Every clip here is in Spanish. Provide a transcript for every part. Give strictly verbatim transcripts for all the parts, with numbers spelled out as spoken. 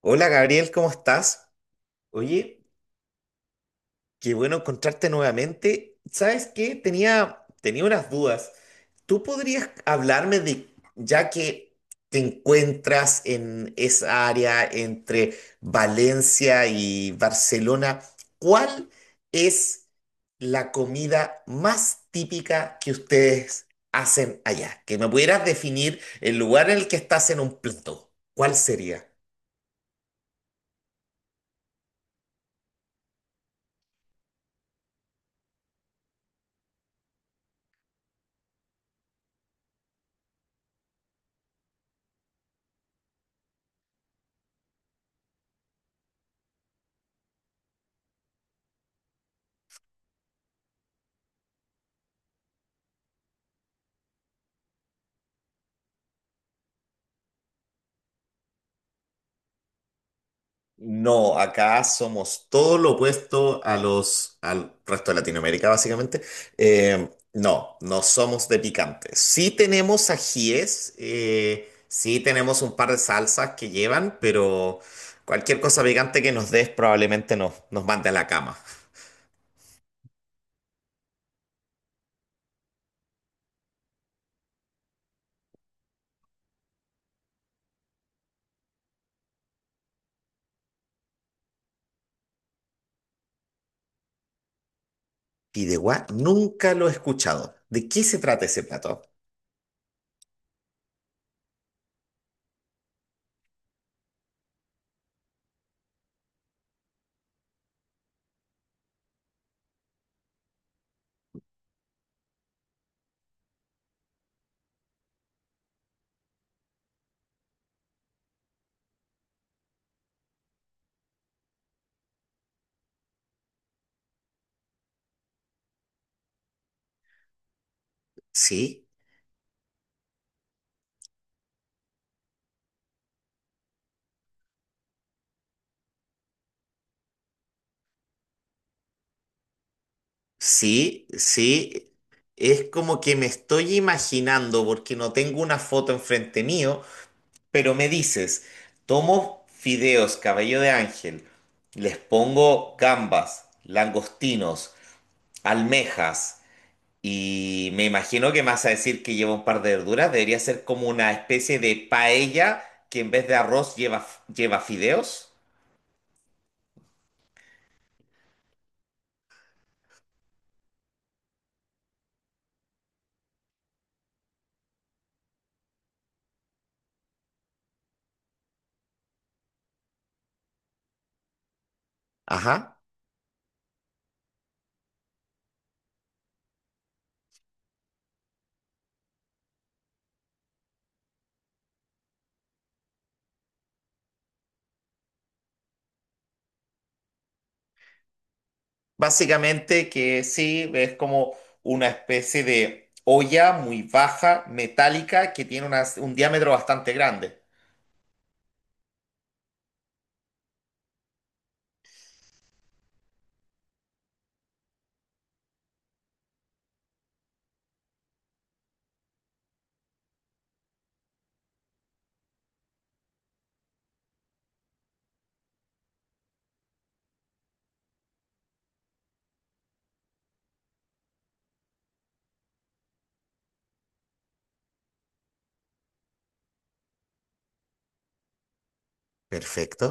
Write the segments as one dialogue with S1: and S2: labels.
S1: Hola Gabriel, ¿cómo estás? Oye, qué bueno encontrarte nuevamente. ¿Sabes qué? Tenía, tenía unas dudas. ¿Tú podrías hablarme de, ya que te encuentras en esa área entre Valencia y Barcelona, cuál es la comida más típica que ustedes hacen allá? Que me pudieras definir el lugar en el que estás en un plato. ¿Cuál sería? No, acá somos todo lo opuesto a los, al resto de Latinoamérica, básicamente. Eh, no, no somos de picante. Sí tenemos ajíes, eh, sí tenemos un par de salsas que llevan, pero cualquier cosa picante que nos des probablemente nos, nos mande a la cama. Fideuá, nunca lo he escuchado. ¿De qué se trata ese plato? Sí, sí, sí. Es como que me estoy imaginando, porque no tengo una foto enfrente mío. Pero me dices, tomo fideos cabello de ángel, les pongo gambas, langostinos, almejas y me imagino que me vas a decir que lleva un par de verduras. Debería ser como una especie de paella que en vez de arroz lleva, lleva fideos. Ajá. Básicamente que sí, es como una especie de olla muy baja, metálica, que tiene unas- un diámetro bastante grande. Perfecto.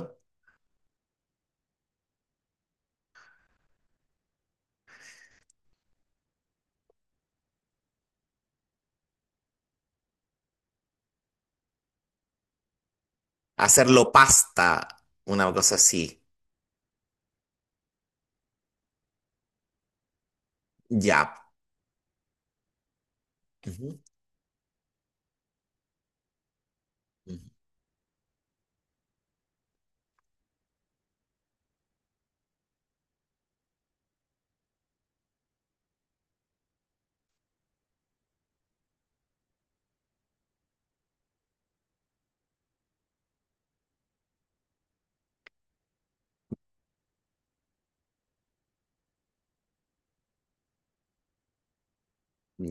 S1: Hacerlo pasta, una cosa así. Ya. Ujú, ujú.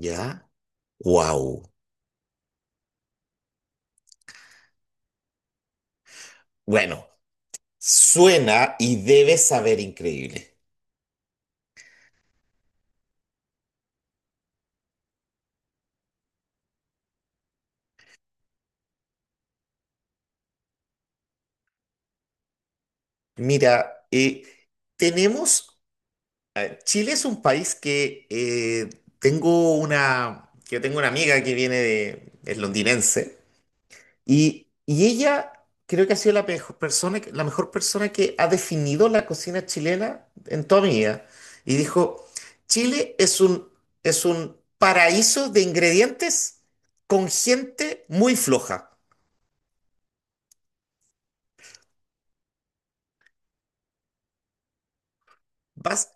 S1: Ya. Wow. Bueno, suena y debe saber increíble. Mira, eh, tenemos, eh, Chile es un país que eh, tengo una, que tengo una amiga que viene de, es londinense. Y, y ella creo que ha sido la mejor persona, que- la mejor persona que ha definido la cocina chilena en toda mi vida. Y dijo, Chile es un, es un paraíso de ingredientes con gente muy floja. Vas.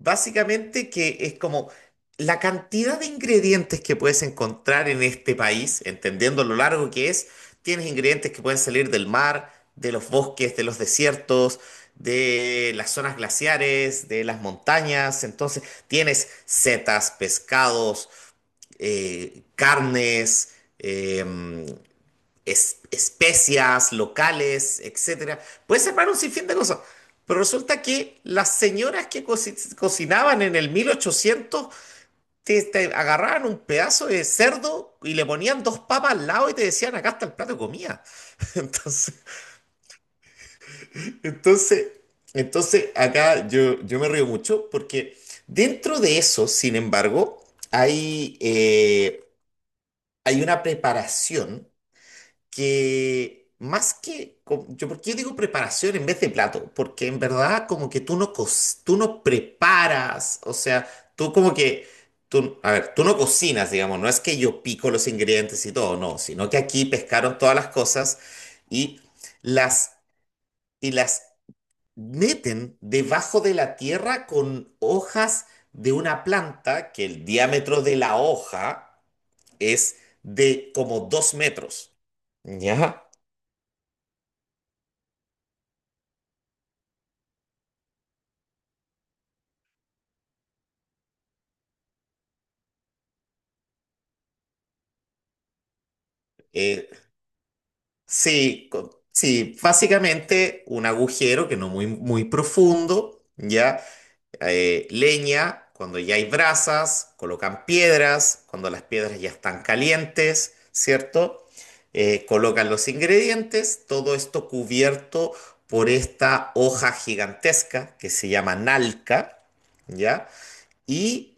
S1: Básicamente que es como la cantidad de ingredientes que puedes encontrar en este país, entendiendo lo largo que es, tienes ingredientes que pueden salir del mar, de los bosques, de los desiertos, de las zonas glaciares, de las montañas. Entonces tienes setas, pescados, eh, carnes. em, es- especias locales, etcétera. Puedes armar un sinfín de cosas. Pero resulta que las señoras que coci- cocinaban en el mil ochocientos te, te agarraban un pedazo de cerdo y le ponían dos papas al lado y te decían, acá está el plato de comida. Entonces, entonces, entonces acá yo, yo me río mucho porque dentro de eso, sin embargo, hay, eh, hay una preparación que más que, co- yo, ¿por qué digo preparación en vez de plato? Porque en verdad como que tú no, co- tú no preparas, o sea, tú como que, tú, a ver, tú no cocinas, digamos, no es que yo pico los ingredientes y todo, no, sino que aquí pescaron todas las cosas y las, y las meten debajo de la tierra con hojas de una planta que el diámetro de la hoja es de como dos metros. ¿Ya? Eh, sí, co- sí, básicamente un agujero que no muy, muy profundo, ¿ya? Eh, leña, cuando ya hay brasas, colocan piedras, cuando las piedras ya están calientes, ¿cierto? Eh, colocan los ingredientes, todo esto cubierto por esta hoja gigantesca que se llama nalca, ¿ya? Y,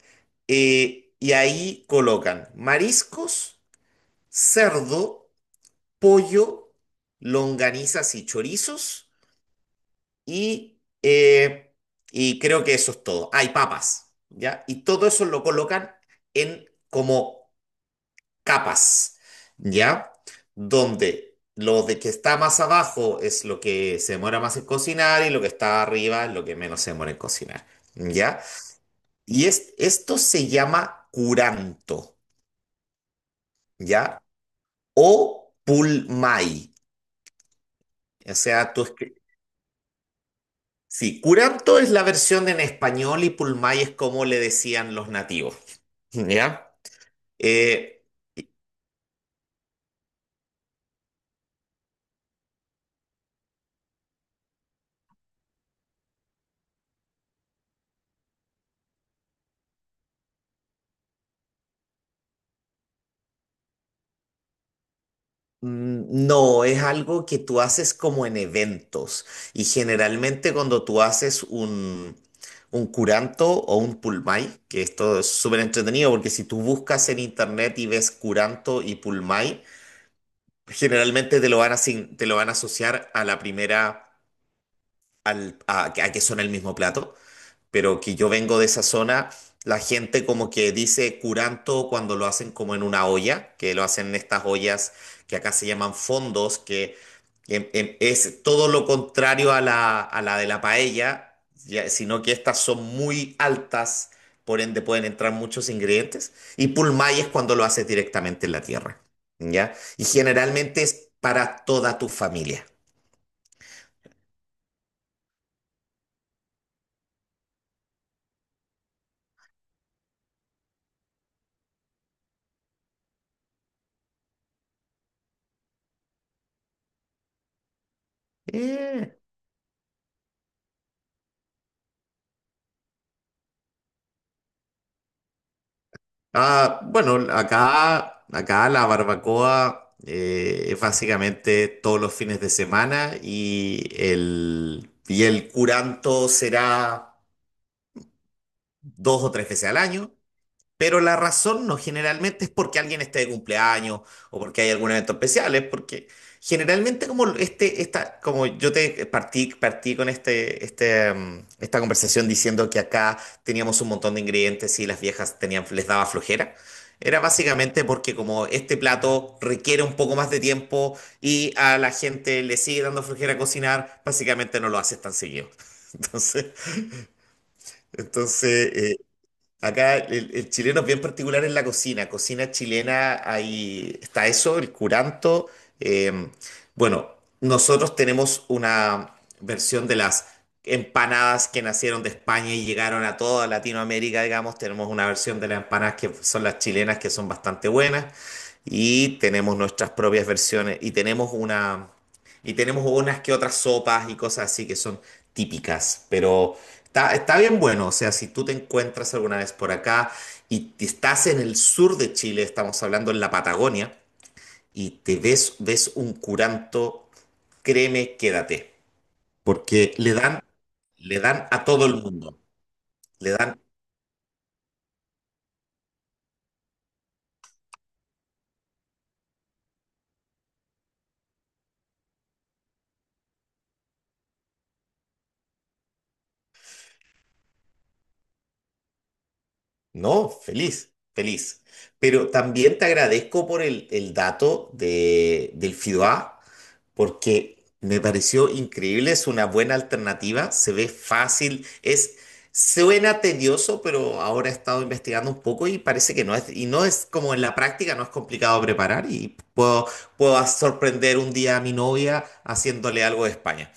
S1: eh, y ahí colocan mariscos, cerdo, pollo, longanizas y chorizos. Y, eh, y creo que eso es todo. Hay papas, ¿ya? Y todo eso lo colocan en como capas, ¿ya? Donde lo de que está más abajo es lo que se demora más en cocinar y lo que está arriba es lo que menos se demora en cocinar, ¿ya? Y es, esto se llama curanto, ¿ya? O pulmay. O sea, tú, escri- Sí, curanto es la versión en español y pulmay es como le decían los nativos, ¿ya? Eh, mm, no, es algo que tú haces como en eventos y generalmente cuando tú haces un, un curanto o un pulmay, que esto es súper entretenido porque si tú buscas en internet y ves curanto y pulmay, generalmente te lo van a, asign- te lo van a asociar a la primera, al- a a que son el mismo plato. Pero que yo vengo de esa zona, la gente como que dice curanto cuando lo hacen como en una olla, que lo hacen en estas ollas que acá se llaman fondos, que em- em- es todo lo contrario a la, a la de la paella, ya- sino que estas son muy altas, por ende pueden entrar muchos ingredientes, y pulmay es cuando lo haces directamente en la tierra, ¿ya? Y generalmente es para toda tu familia. Eh, Ah, bueno, acá, acá la barbacoa eh, es básicamente todos los fines de semana y el, y el curanto será dos o tres veces al año. Pero la razón no generalmente es porque alguien esté de cumpleaños o porque hay algún evento especial, es porque generalmente como este, esta, como yo te partí, partí con este, este, mm, esta conversación diciendo que acá teníamos un montón de ingredientes y las viejas tenían, les daba flojera. Era básicamente porque como este plato requiere un poco más de tiempo y a la gente le sigue dando flojera cocinar, básicamente no lo haces tan seguido. Entonces, entonces, eh, Acá el, el chileno es bien particular en la cocina. Cocina chilena, ahí está eso, el curanto. Eh, bueno, nosotros tenemos una versión de las empanadas que nacieron de España y llegaron a toda Latinoamérica, digamos. Tenemos una versión de las empanadas que son las chilenas, que son bastante buenas. Y tenemos nuestras propias versiones. Y tenemos una, y tenemos unas que otras sopas y cosas así que son típicas. Pero. Está, está bien bueno, o sea, si tú te encuentras alguna vez por acá y te estás en el sur de Chile, estamos hablando en la Patagonia, y te ves, ves un curanto, créeme, quédate, porque le dan, le dan a todo el mundo, le dan, no, feliz, feliz. Pero también te agradezco por el, el dato de, del FIDOA, porque me pareció increíble, es una buena alternativa, se ve fácil, es suena tedioso, pero ahora he estado investigando un poco y parece que no es y no es como en la práctica, no es complicado preparar y puedo puedo sorprender un día a mi novia haciéndole algo de España.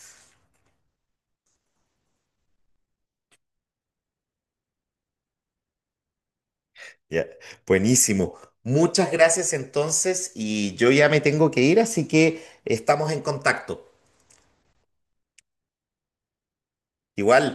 S1: Ya, buenísimo. Muchas gracias entonces y yo ya me tengo que ir, así que estamos en contacto. Igual.